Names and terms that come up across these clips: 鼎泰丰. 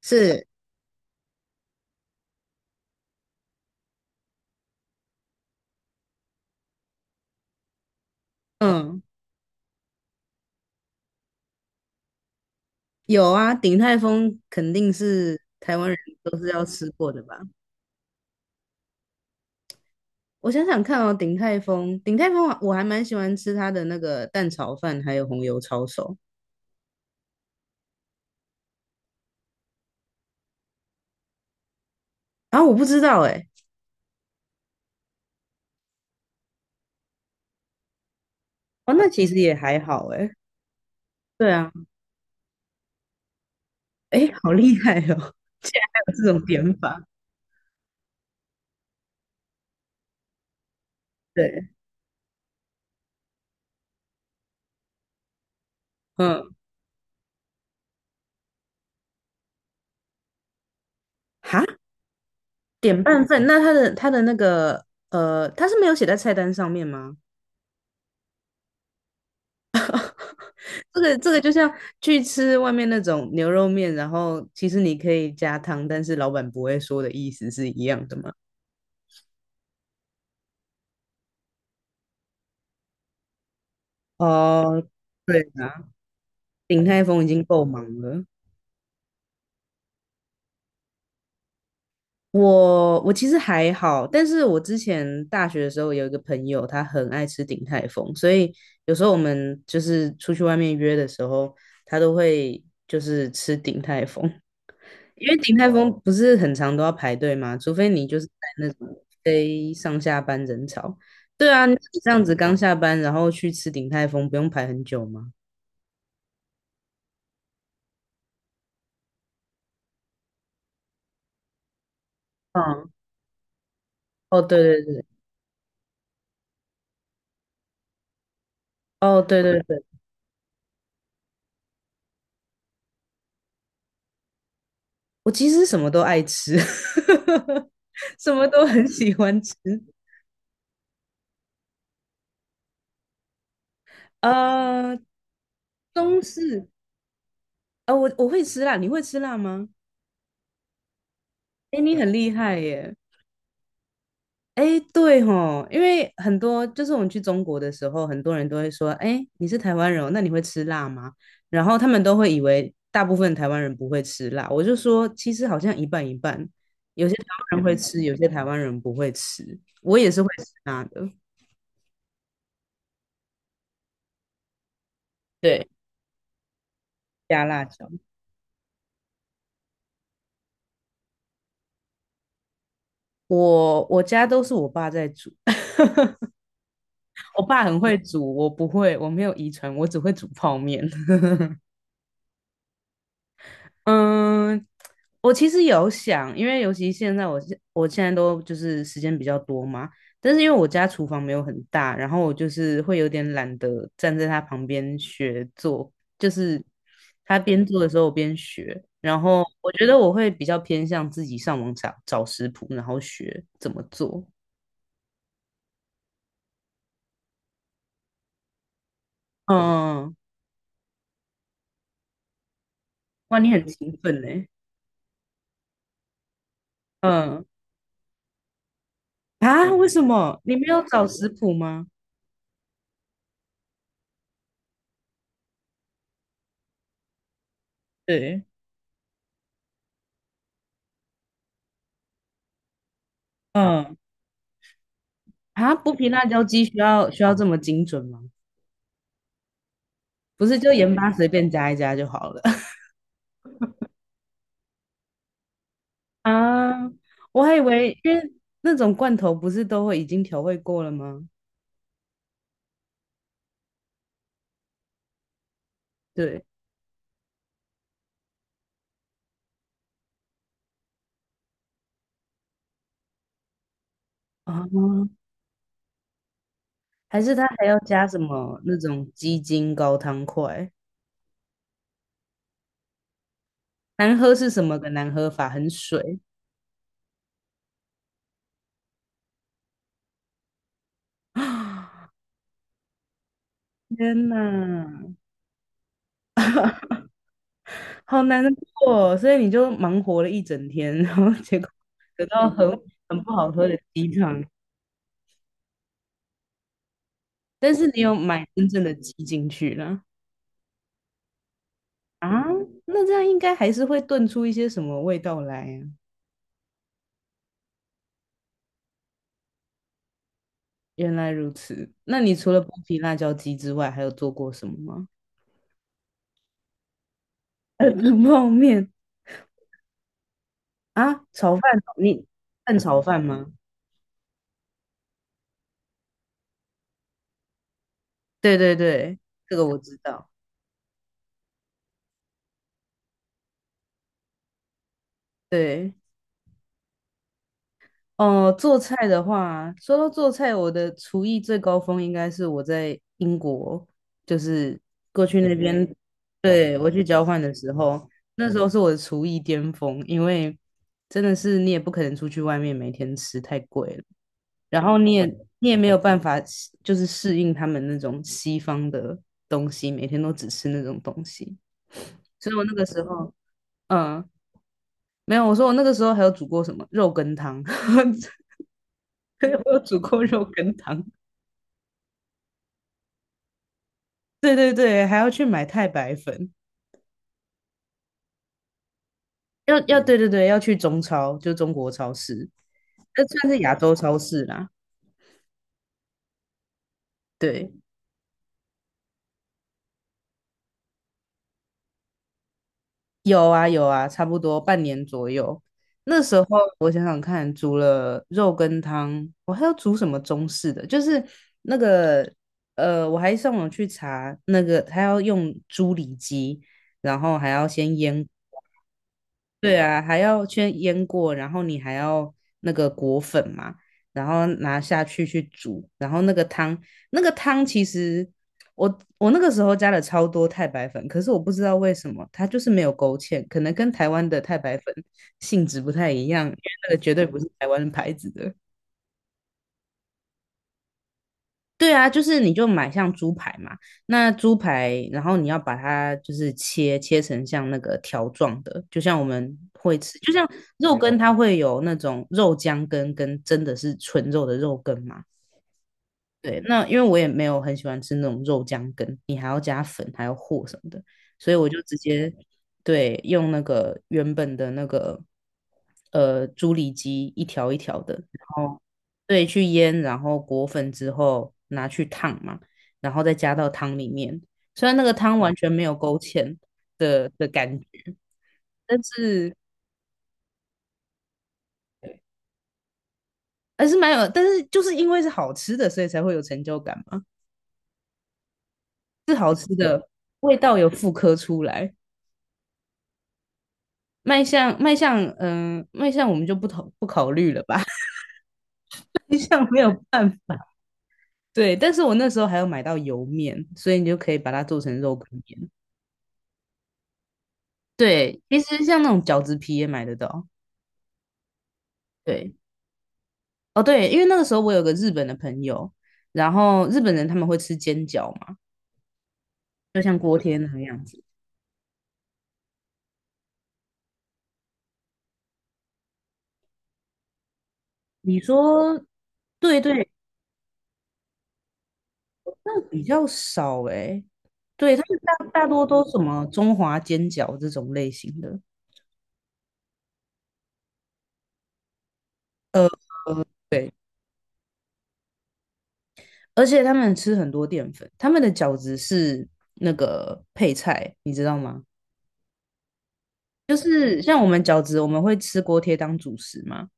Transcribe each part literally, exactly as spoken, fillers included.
是，嗯，有啊，鼎泰丰肯定是台湾人都是要吃过的吧？我想想看哦，鼎泰丰，鼎泰丰我还蛮喜欢吃它的那个蛋炒饭，还有红油抄手。然后我不知道哎。哦，那其实也还好哎。对啊。哎，好厉害哦，竟然还有这种点法。对，嗯，哈，点半份，那他的他的那个呃，他是没有写在菜单上面吗？这个这个就像去吃外面那种牛肉面，然后其实你可以加汤，但是老板不会说的意思是一样的嘛？哦，对啊，鼎泰丰已经够忙了。我我其实还好，但是我之前大学的时候有一个朋友，他很爱吃鼎泰丰，所以有时候我们就是出去外面约的时候，他都会就是吃鼎泰丰。因为鼎泰丰不是很常都要排队吗？除非你就是在那种非上下班人潮。对啊，你这样子刚下班，然后去吃鼎泰丰，不用排很久吗？嗯，哦，对对对。哦，对对对，我其实什么都爱吃，什么都很喜欢吃。呃，中式，呃，我我会吃辣，你会吃辣吗？哎，你很厉害耶。哎，对吼，因为很多就是我们去中国的时候，很多人都会说，哎，你是台湾人哦那你会吃辣吗？然后他们都会以为大部分台湾人不会吃辣，我就说其实好像一半一半，有些台湾人会吃，有些台湾人不会吃。我也是会吃辣的，对，加辣椒。我我家都是我爸在煮，我爸很会煮，我不会，我没有遗传，我只会煮泡面。嗯，我其实有想，因为尤其现在我现我现在都就是时间比较多嘛，但是因为我家厨房没有很大，然后我就是会有点懒得站在他旁边学做，就是他边做的时候我边学，然后我觉得我会比较偏向自己上网找找食谱，然后学怎么做。嗯，哇，你很勤奋呢。嗯，啊，为什么你没有找食谱吗？对，嗯，啊，剥皮辣椒鸡需要需要这么精准吗？不是，就盐巴随便加一加就好了。 啊？我还以为，因为那种罐头不是都会已经调味过了吗？对啊，还是它还要加什么那种鸡精高汤块？难喝是什么个难喝法？很水啊！天哪，好难过哦。所以你就忙活了一整天，然后结果得到很很不好喝的鸡汤。但是你有买真正的鸡进去了。啊，那这样应该还是会炖出一些什么味道来呀、原来如此。那你除了剥皮辣椒鸡之外，还有做过什么吗？呃冷泡面啊，炒饭，你蛋炒饭吗？对对对，这个我知道。对，哦，做菜的话，说到做菜，我的厨艺最高峰应该是我在英国，就是过去那嗯边，对，我去交换的时候，那时候是我的厨艺巅峰，因为真的是你也不可能出去外面每天吃，太贵了，然后你也你也没有办法适就是适应他们那种西方的东西，每天都只吃那种东西，所以我那个时候，嗯，没有，我说我那个时候还有煮过什么肉羹汤。我有煮过肉羹汤。对对对，还要去买太白粉，要要对对对，要去中超，就中国超市，这算是亚洲超市啦。对，有啊有啊，差不多半年左右。那时候我想想看，煮了肉羹汤，我还要煮什么中式的？就是那个呃，我还上网去查那个，他要用猪里脊，然后还要先腌，对啊，还要先腌过，然后你还要那个裹粉嘛，然后拿下去去煮，然后那个汤，那个汤其实我我那个时候加了超多太白粉，可是我不知道为什么它就是没有勾芡，可能跟台湾的太白粉性质不太一样，因为那个绝对不是台湾牌子的。对啊，就是你就买像猪排嘛，那猪排，然后你要把它就是切切成像那个条状的，就像我们会吃，就像肉嗯羹它会有那种肉浆羹跟真的是纯肉的肉羹嘛，对，那因为我也没有很喜欢吃那种肉酱羹，你还要加粉，还要和什么的，所以我就直接对用那个原本的那个呃猪里脊一条一条的，然后对去腌，然后裹粉之后拿去烫嘛，然后再加到汤里面。虽然那个汤完全没有勾芡的的感觉，但是还是蛮有，但是就是因为是好吃的，所以才会有成就感嘛，是好吃的，味道有复刻出来。卖相卖相，嗯、呃卖相我们就不考不考虑了吧，卖相没有办法。对，但是我那时候还有买到油面，所以你就可以把它做成肉羹面。对，其实像那种饺子皮也买得到。对，哦对，因为那个时候我有个日本的朋友，然后日本人他们会吃煎饺嘛，就像锅贴那个样子。你说，对对，那比较少诶、欸对，他们大大多都什么中华煎饺这种类型的。呃，呃对。而且他们吃很多淀粉，他们的饺子是那个配菜，你知道吗？就是像我们饺子，我们会吃锅贴当主食嘛，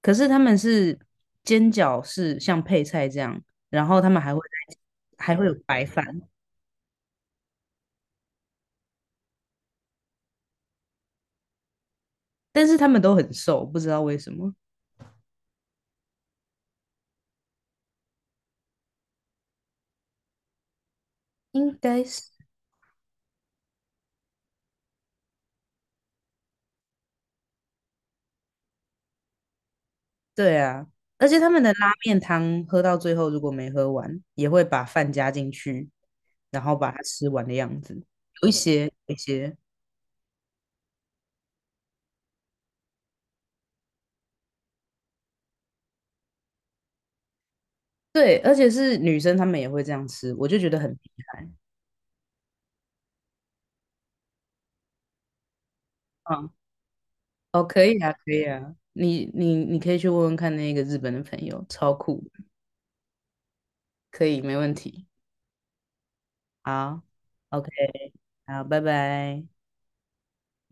可是他们是煎饺是像配菜这样，然后他们还会再还会有白饭，但是他们都很瘦，不知道为什么，应该是对啊。而且他们的拉面汤喝到最后，如果没喝完，也会把饭加进去，然后把它吃完的样子。有一些，有一些，对，而且是女生她们也会这样吃，我就觉得很厉害。嗯，哦，可以啊，可以啊，你你你可以去问问看那个日本的朋友，超酷可以，没问题。好，OK，好，拜拜。